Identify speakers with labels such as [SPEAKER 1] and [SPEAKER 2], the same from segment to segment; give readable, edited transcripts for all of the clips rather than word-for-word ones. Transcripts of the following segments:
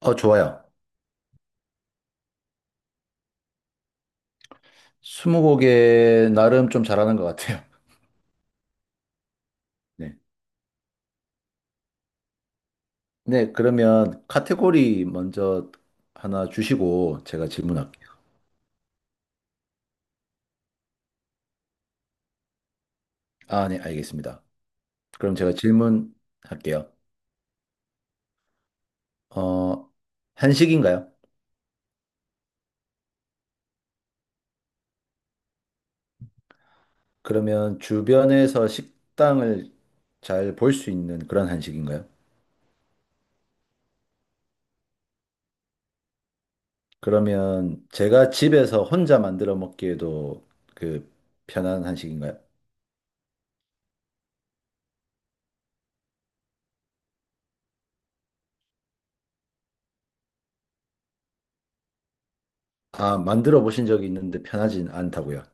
[SPEAKER 1] 좋아요. 스무고개 나름 좀 잘하는 것 같아요. 네. 네, 그러면 카테고리 먼저 하나 주시고 제가 질문할게요. 아, 네, 알겠습니다. 그럼 제가 질문할게요. 어, 한식인가요? 그러면 주변에서 식당을 잘 볼 수 있는 그런 한식인가요? 그러면 제가 집에서 혼자 만들어 먹기에도 그 편한 한식인가요? 아, 만들어 보신 적이 있는데 편하진 않다고요.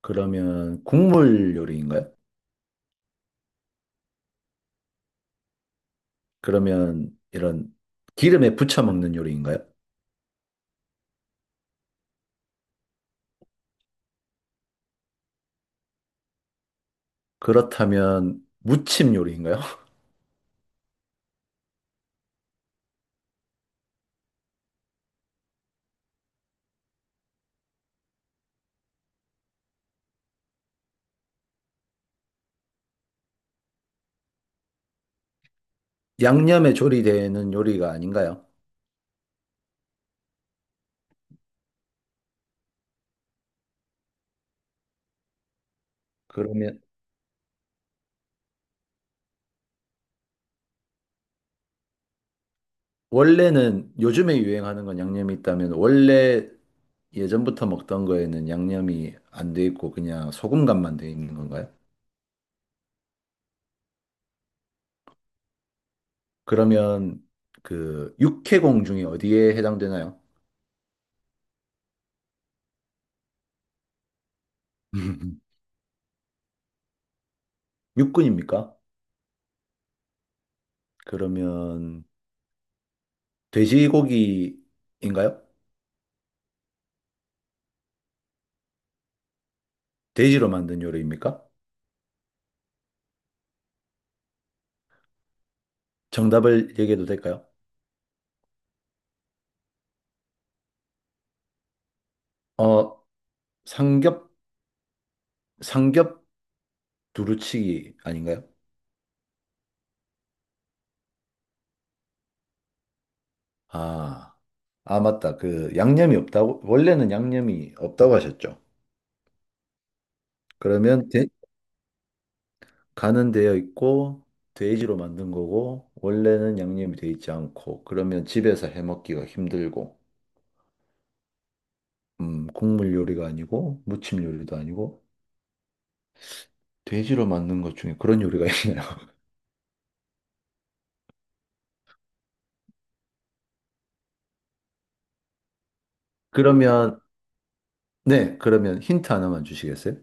[SPEAKER 1] 그러면 국물 요리인가요? 그러면 이런 기름에 부쳐 먹는 요리인가요? 그렇다면 무침 요리인가요? 양념에 조리되는 요리가 아닌가요? 그러면 원래는 요즘에 유행하는 건 양념이 있다면 원래 예전부터 먹던 거에는 양념이 안 돼 있고 그냥 소금간만 돼 있는 건가요? 그러면 그 육해공 중에 어디에 해당되나요? 육군입니까? 그러면 돼지고기인가요? 돼지로 만든 요리입니까? 정답을 얘기해도 될까요? 어, 삼겹, 삼겹 두루치기 아닌가요? 아, 아, 맞다. 그, 양념이 없다고, 원래는 양념이 없다고 하셨죠. 그러면 돼- 간은 되어 있고, 돼지로 만든 거고, 원래는 양념이 되어 있지 않고, 그러면 집에서 해 먹기가 힘들고, 국물 요리가 아니고, 무침 요리도 아니고, 돼지로 만든 것 중에 그런 요리가 있나요? 그러면, 네, 그러면 힌트 하나만 주시겠어요?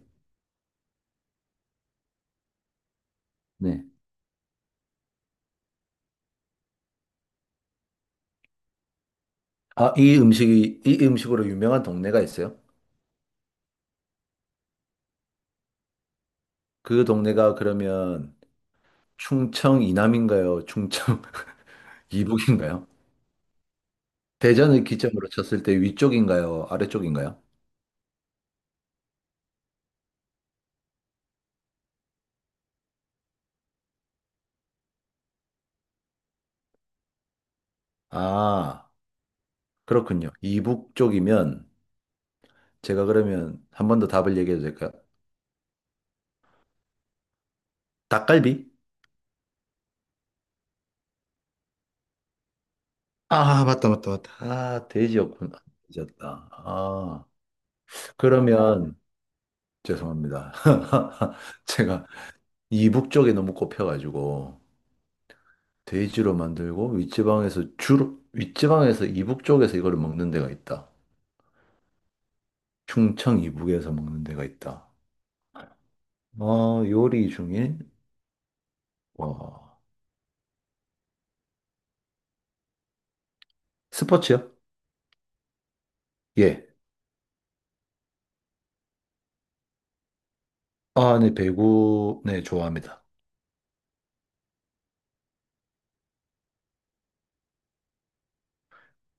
[SPEAKER 1] 네. 아, 이 음식이, 이 음식으로 유명한 동네가 있어요? 그 동네가 그러면 충청 이남인가요? 충청 이북인가요? 대전을 기점으로 쳤을 때 위쪽인가요? 아래쪽인가요? 아, 그렇군요. 이북 쪽이면 제가 그러면 한 번 더 답을 얘기해도 될까요? 닭갈비? 아, 맞다, 맞다, 맞다. 아, 돼지였구나. 잊었다. 아, 그러면 죄송합니다. 제가 이북 쪽에 너무 꼽혀가지고. 돼지로 만들고 윗지방에서 주로 윗지방에서 이북 쪽에서 이거를 먹는 데가 있다. 충청 이북에서 먹는 데가 있다. 요리 중에 와 스포츠요? 예. 아, 네, 배구 네, 좋아합니다.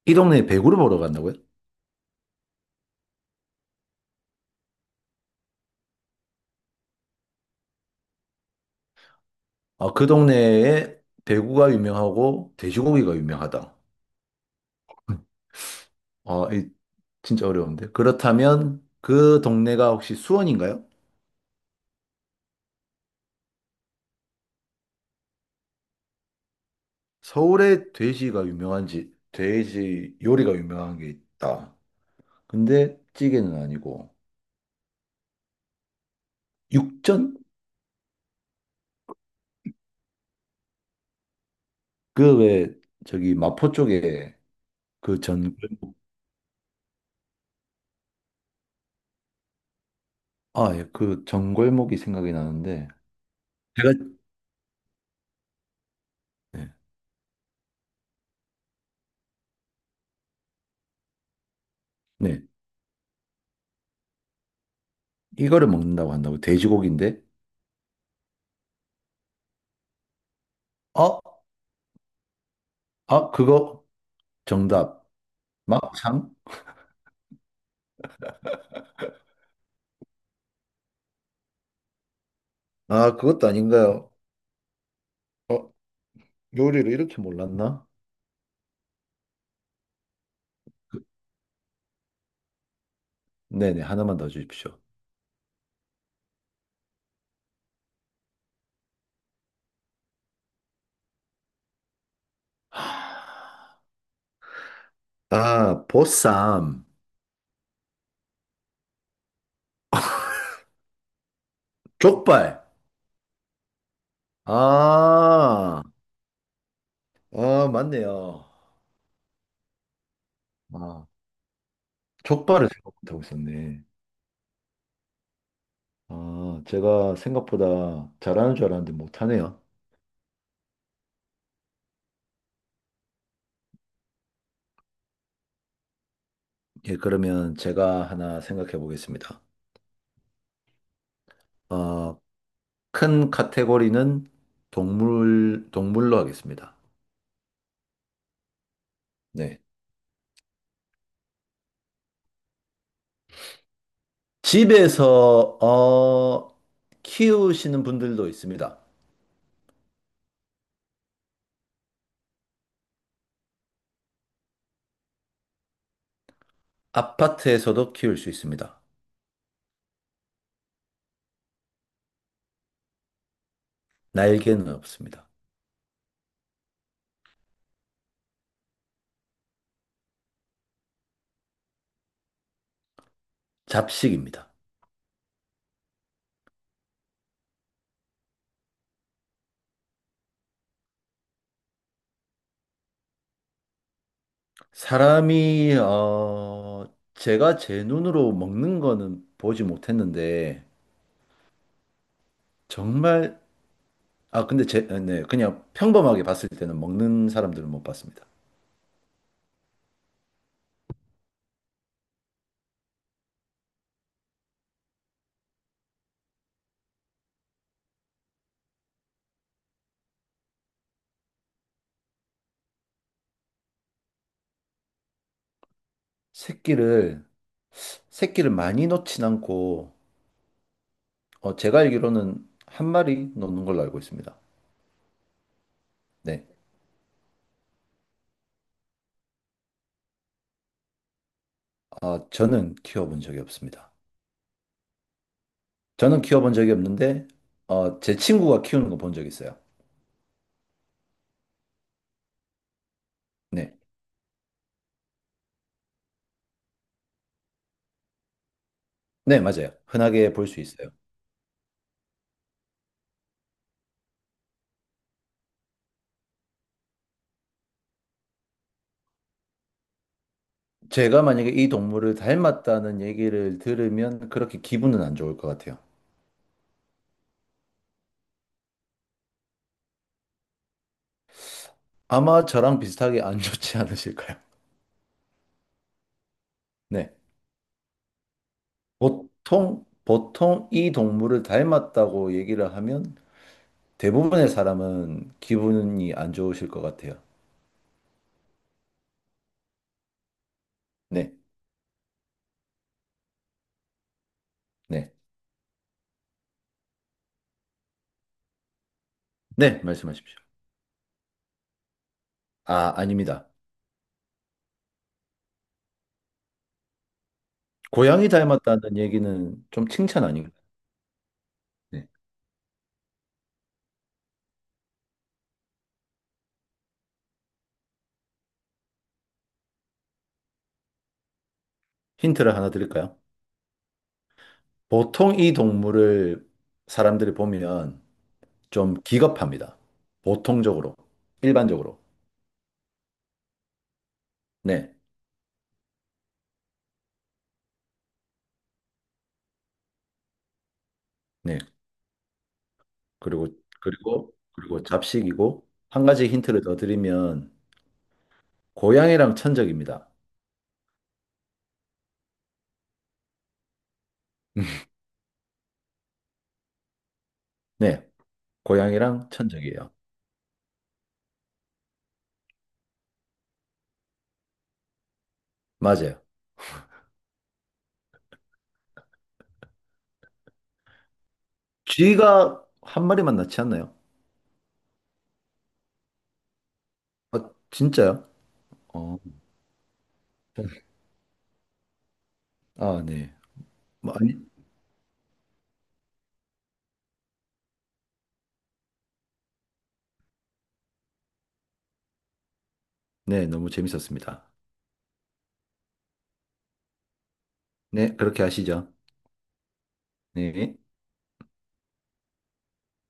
[SPEAKER 1] 이 동네에 배구를 보러 간다고요? 아, 그 동네에 배구가 유명하고 돼지고기가 유명하다. 아, 이 진짜 어려운데. 그렇다면 그 동네가 혹시 수원인가요? 서울에 돼지가 유명한지 돼지 요리가 유명한 게 있다. 근데 찌개는 아니고 육전? 그 왜 저기 마포 쪽에 그 전, 아, 예, 그 전골목이 생각이 나는데 제가 네, 네. 이거를 먹는다고 한다고 돼지고기인데 어? 아, 그거 정답 막창? 아, 그것도 아닌가요? 어, 요리를 이렇게 몰랐나? 네네, 하나만 더 주십시오. 하, 아, 보쌈, 족발. 아, 아, 맞네요. 아, 족발을 생각 못하고 있었네. 아, 제가 생각보다 잘하는 줄 알았는데 못하네요. 예, 그러면 제가 하나 생각해 보겠습니다. 어, 큰 카테고리는 동물, 동물로 하겠습니다. 네. 집에서 키우시는 분들도 있습니다. 아파트에서도 키울 수 있습니다. 날개는 없습니다. 잡식입니다. 사람이, 제가 제 눈으로 먹는 거는 보지 못했는데, 정말 아, 근데 제, 아, 네, 그냥 평범하게 봤을 때는 먹는 사람들은 못 봤습니다. 새끼를, 새끼를 많이 놓진 않고, 제가 알기로는 한 마리 놓는 걸로 알고 있습니다. 네. 아, 저는 키워본 적이 없습니다. 저는 키워본 적이 없는데, 제 친구가 키우는 거 본 적 있어요. 네. 네, 맞아요. 흔하게 볼 수 있어요. 제가 만약에 이 동물을 닮았다는 얘기를 들으면 그렇게 기분은 안 좋을 것 같아요. 아마 저랑 비슷하게 안 좋지 않으실까요? 네. 보통, 보통 이 동물을 닮았다고 얘기를 하면 대부분의 사람은 기분이 안 좋으실 것 같아요. 네, 네, 네, 말씀하십시오. 아, 아닙니다. 고양이 닮았다는 얘기는 좀 칭찬 아닌가요? 네. 힌트를 하나 드릴까요? 보통 이 동물을 사람들이 보면 좀 기겁합니다. 보통적으로, 일반적으로. 네, 네. 그리고, 그리고 잡식이고, 한 가지 힌트를 더 드리면, 고양이랑 천적입니다. 네, 고양이랑 천적이에요. 맞아요. 쥐가 한 마리만 낳지 않나요? 아, 진짜요? 어, 아, 네. 뭐, 아니, 네, 너무 재밌었습니다. 네, 그렇게 하시죠. 네.